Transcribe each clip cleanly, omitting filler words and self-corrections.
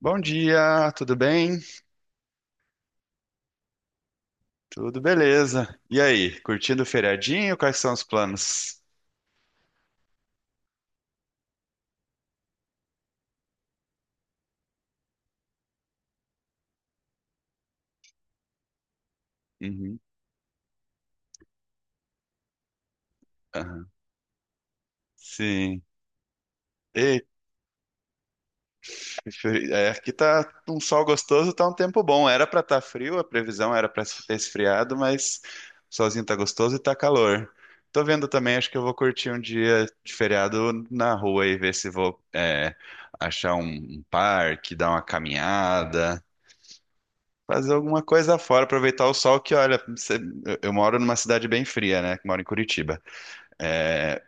Bom dia, tudo bem? Tudo beleza. E aí, curtindo o feriadinho? Quais são os planos? Uhum, aham. Sim. Eita, aqui tá um sol gostoso, tá um tempo bom. Era pra estar frio, a previsão era pra ter esfriado, mas o solzinho tá gostoso e tá calor. Tô vendo também, acho que eu vou curtir um dia de feriado na rua e ver se vou achar um parque, dar uma caminhada. Fazer alguma coisa fora, aproveitar o sol que, olha, eu moro numa cidade bem fria, né? Que moro em Curitiba. É,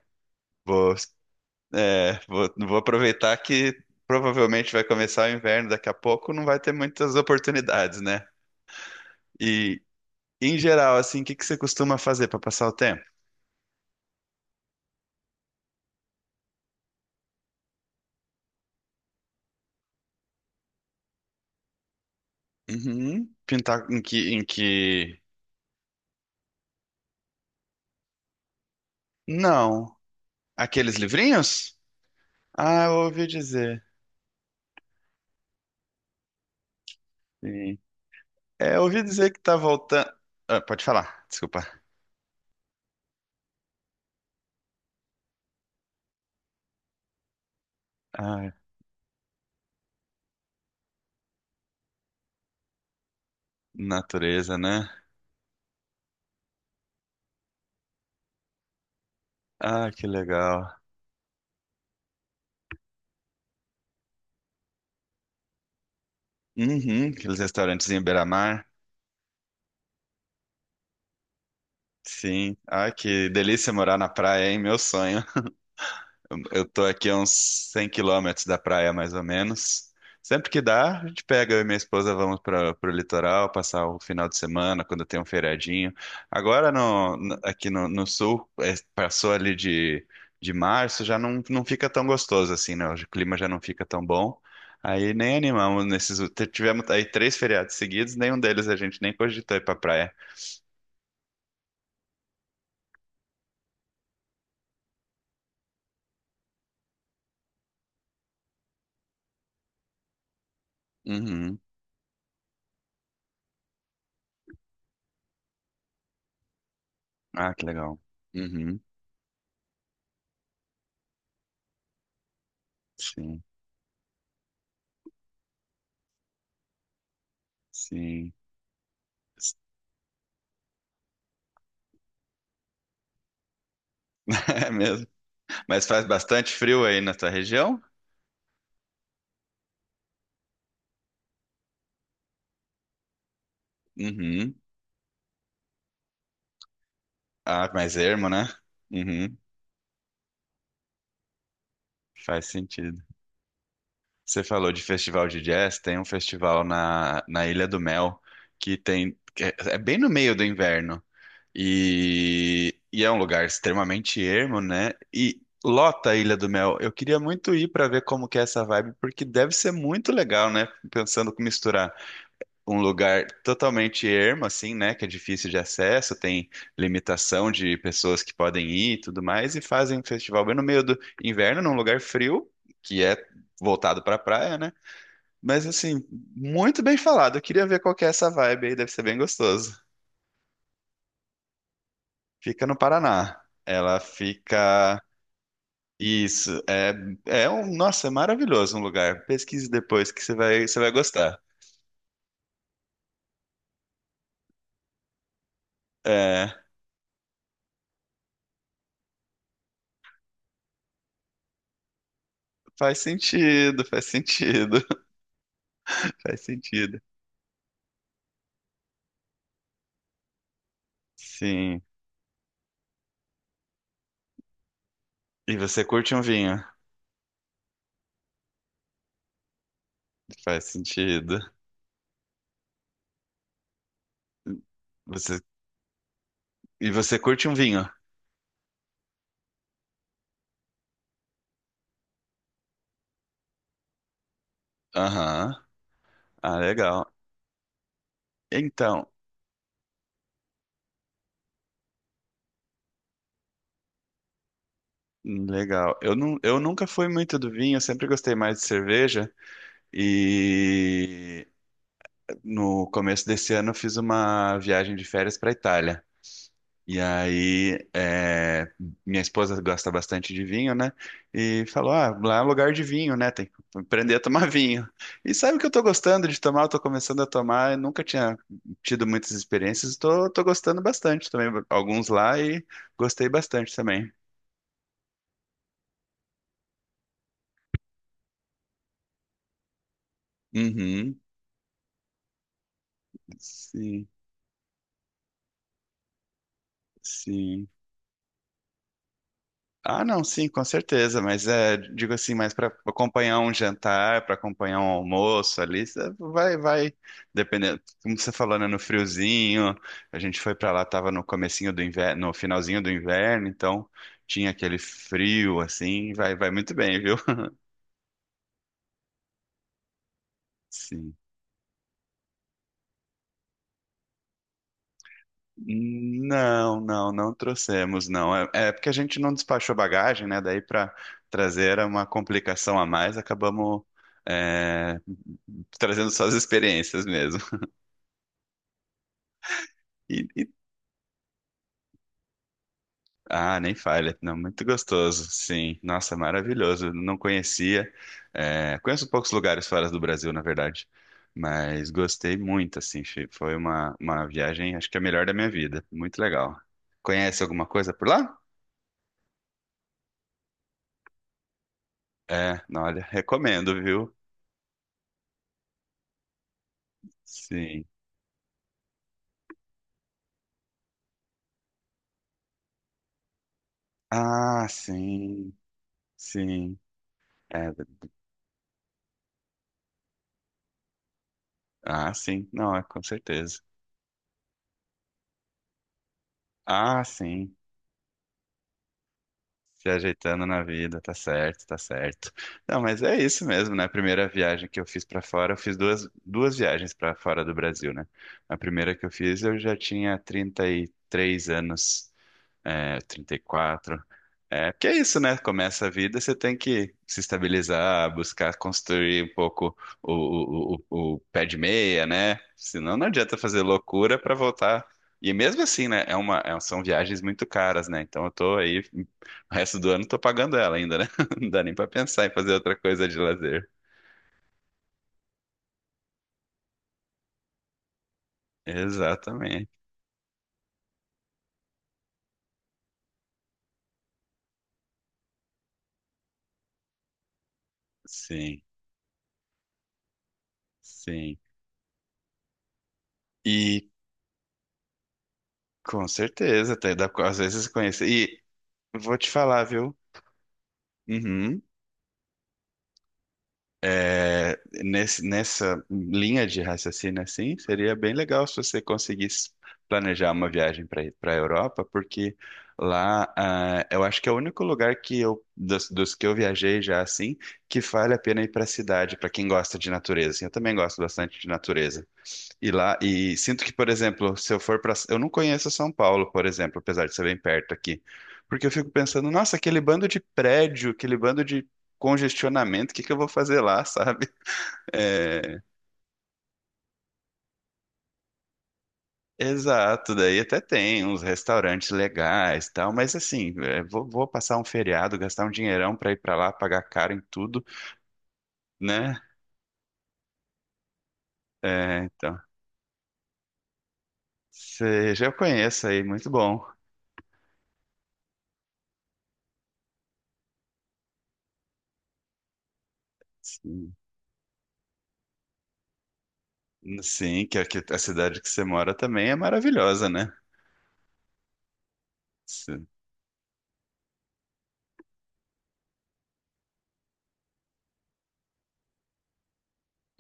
vou, vou aproveitar que provavelmente vai começar o inverno daqui a pouco, não vai ter muitas oportunidades, né? E, em geral, assim, o que que você costuma fazer para passar o tempo? Uhum. Pintar em que... Não. Aqueles livrinhos? Ah, eu ouvi dizer. Sim. É, eu ouvi dizer que tá voltando... Ah, pode falar, desculpa. Ah, natureza, né? Ah, que legal. Uhum, aqueles restaurantes em beira-mar. Sim. Ah, que delícia morar na praia, hein? Meu sonho. Eu tô aqui a uns 100 quilômetros da praia, mais ou menos. Sempre que dá, a gente pega, eu e minha esposa vamos para o litoral, passar o final de semana, quando tem um feriadinho. Agora, aqui no sul, passou ali de março, já não fica tão gostoso assim, né? O clima já não fica tão bom. Aí nem animamos nesses... Tivemos aí três feriados seguidos, nenhum deles a gente nem cogitou ir pra praia. Uhum. Ah, que legal. Uhum. Sim, sim. É mesmo. Mas faz bastante frio aí na tua região? Uhum. Ah, mais ermo, né? Uhum. Faz sentido. Você falou de festival de jazz, tem um festival na Ilha do Mel que tem que é bem no meio do inverno e é um lugar extremamente ermo, né? E lota a Ilha do Mel. Eu queria muito ir para ver como que é essa vibe, porque deve ser muito legal, né? Pensando com misturar um lugar totalmente ermo, assim, né? Que é difícil de acesso, tem limitação de pessoas que podem ir e tudo mais, e fazem um festival bem no meio do inverno, num lugar frio, que é voltado pra praia, né? Mas, assim, muito bem falado. Eu queria ver qual que é essa vibe aí, deve ser bem gostoso. Fica no Paraná. Ela fica. Isso, é, um, nossa, é maravilhoso um lugar. Pesquise depois que você vai gostar. É, faz sentido, faz sentido. Sim. E você curte um vinho? Faz sentido. Você... E você curte um vinho? Aham. Ah, legal. Então, legal. Não, eu nunca fui muito do vinho, eu sempre gostei mais de cerveja. E no começo desse ano eu fiz uma viagem de férias para Itália. E aí, minha esposa gosta bastante de vinho, né? E falou: ah, lá é um lugar de vinho, né? Tem que aprender a tomar vinho. E sabe o que eu tô gostando de tomar? Eu tô começando a tomar, eu nunca tinha tido muitas experiências, tô gostando bastante. Tomei alguns lá e gostei bastante também. Uhum, sim, sim. Ah, não, sim, com certeza, mas é, digo assim, mas para acompanhar um jantar, para acompanhar um almoço ali, cê vai, dependendo, como você falou, né, no friozinho, a gente foi para lá, tava no comecinho do inverno, no finalzinho do inverno, então tinha aquele frio, assim, vai muito bem, viu? Sim. Não, não, não trouxemos, não. É porque a gente não despachou bagagem, né? Daí para trazer era uma complicação a mais, acabamos é, trazendo só as experiências mesmo. E- e- ah, nem falha, não, muito gostoso, sim. Nossa, maravilhoso. Não conhecia. É, conheço poucos lugares fora do Brasil, na verdade, mas gostei muito, assim. Foi uma, viagem, acho que a melhor da minha vida. Muito legal. Conhece alguma coisa por lá? É, não, olha, recomendo, viu? Sim. Ah, sim. Sim. É, ah, sim. Não, é com certeza. Ah, sim. Se ajeitando na vida, tá certo, tá certo. Não, mas é isso mesmo, né? A primeira viagem que eu fiz pra fora, eu fiz duas viagens pra fora do Brasil, né? A primeira que eu fiz, eu já tinha 33 anos. 34. É, porque é isso, né? Começa a vida, você tem que se estabilizar, buscar construir um pouco o pé de meia, né? Senão não adianta fazer loucura para voltar. E mesmo assim, né? São viagens muito caras, né? Então eu tô aí, o resto do ano eu tô pagando ela ainda, né? Não dá nem para pensar em fazer outra coisa de lazer. Exatamente. Sim, sim. E com certeza, até dá, às vezes conhecer. E vou te falar, viu? Uhum. É, nessa linha de raciocínio, assim, seria bem legal se você conseguisse planejar uma viagem para a Europa, porque lá, ah, eu acho que é o único lugar que eu, dos que eu viajei já, assim, que vale a pena ir para a cidade, para quem gosta de natureza. Assim, eu também gosto bastante de natureza. E lá, e sinto que, por exemplo, se eu for para, eu não conheço São Paulo, por exemplo, apesar de ser bem perto aqui, porque eu fico pensando, nossa, aquele bando de prédio, aquele bando de congestionamento, o que que eu vou fazer lá, sabe? É, exato, daí até tem uns restaurantes legais, e tal, mas assim, vou passar um feriado, gastar um dinheirão para ir para lá, pagar caro em tudo, né? É, então, você já conhece aí, muito bom. Sim, sim, que a cidade que você mora também é maravilhosa, né? Sim.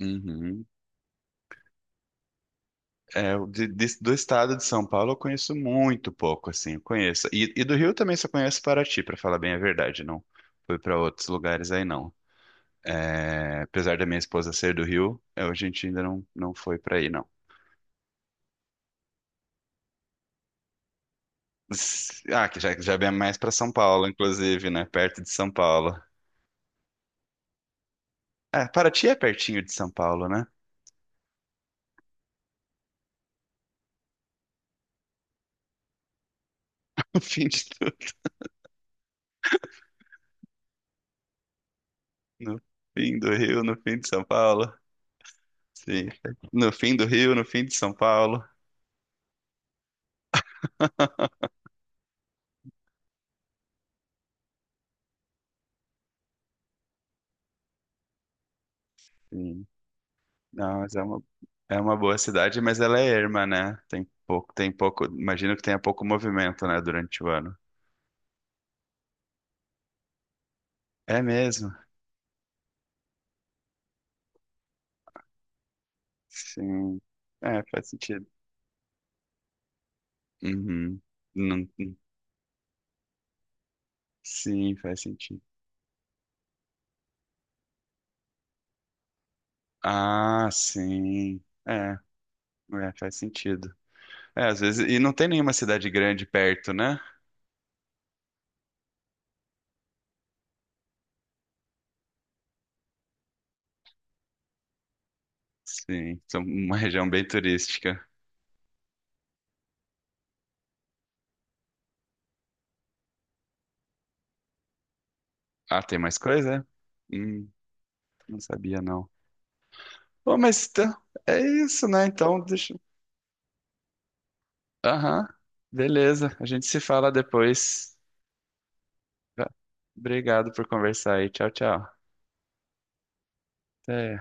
Uhum. É, do estado de São Paulo eu conheço muito pouco, assim, eu conheço. E do Rio também só conheço Paraty, para falar bem a verdade, não fui para outros lugares aí não. É, apesar da minha esposa ser do Rio, a gente ainda não, foi para aí não. Ah, que já vem mais para São Paulo, inclusive, né? Perto de São Paulo. É, Paraty é pertinho de São Paulo, né? No fim de tudo, no fim do Rio, no fim de São Paulo. Sim, no fim do Rio, no fim de São Paulo. Não, mas é uma boa cidade, mas ela é erma, né? Imagino que tenha pouco movimento, né, durante o ano. É mesmo? Sim. É, faz sentido. Uhum. Não, sim, faz sentido. Ah, sim. É, faz sentido. É, às vezes, e não tem nenhuma cidade grande perto, né? Sim, são uma região bem turística. Ah, tem mais coisa? Hum, não sabia, não. Bom, mas então, é isso, né? Então. Aham, beleza. A gente se fala depois. Tá. Obrigado por conversar aí. Tchau, tchau. Até.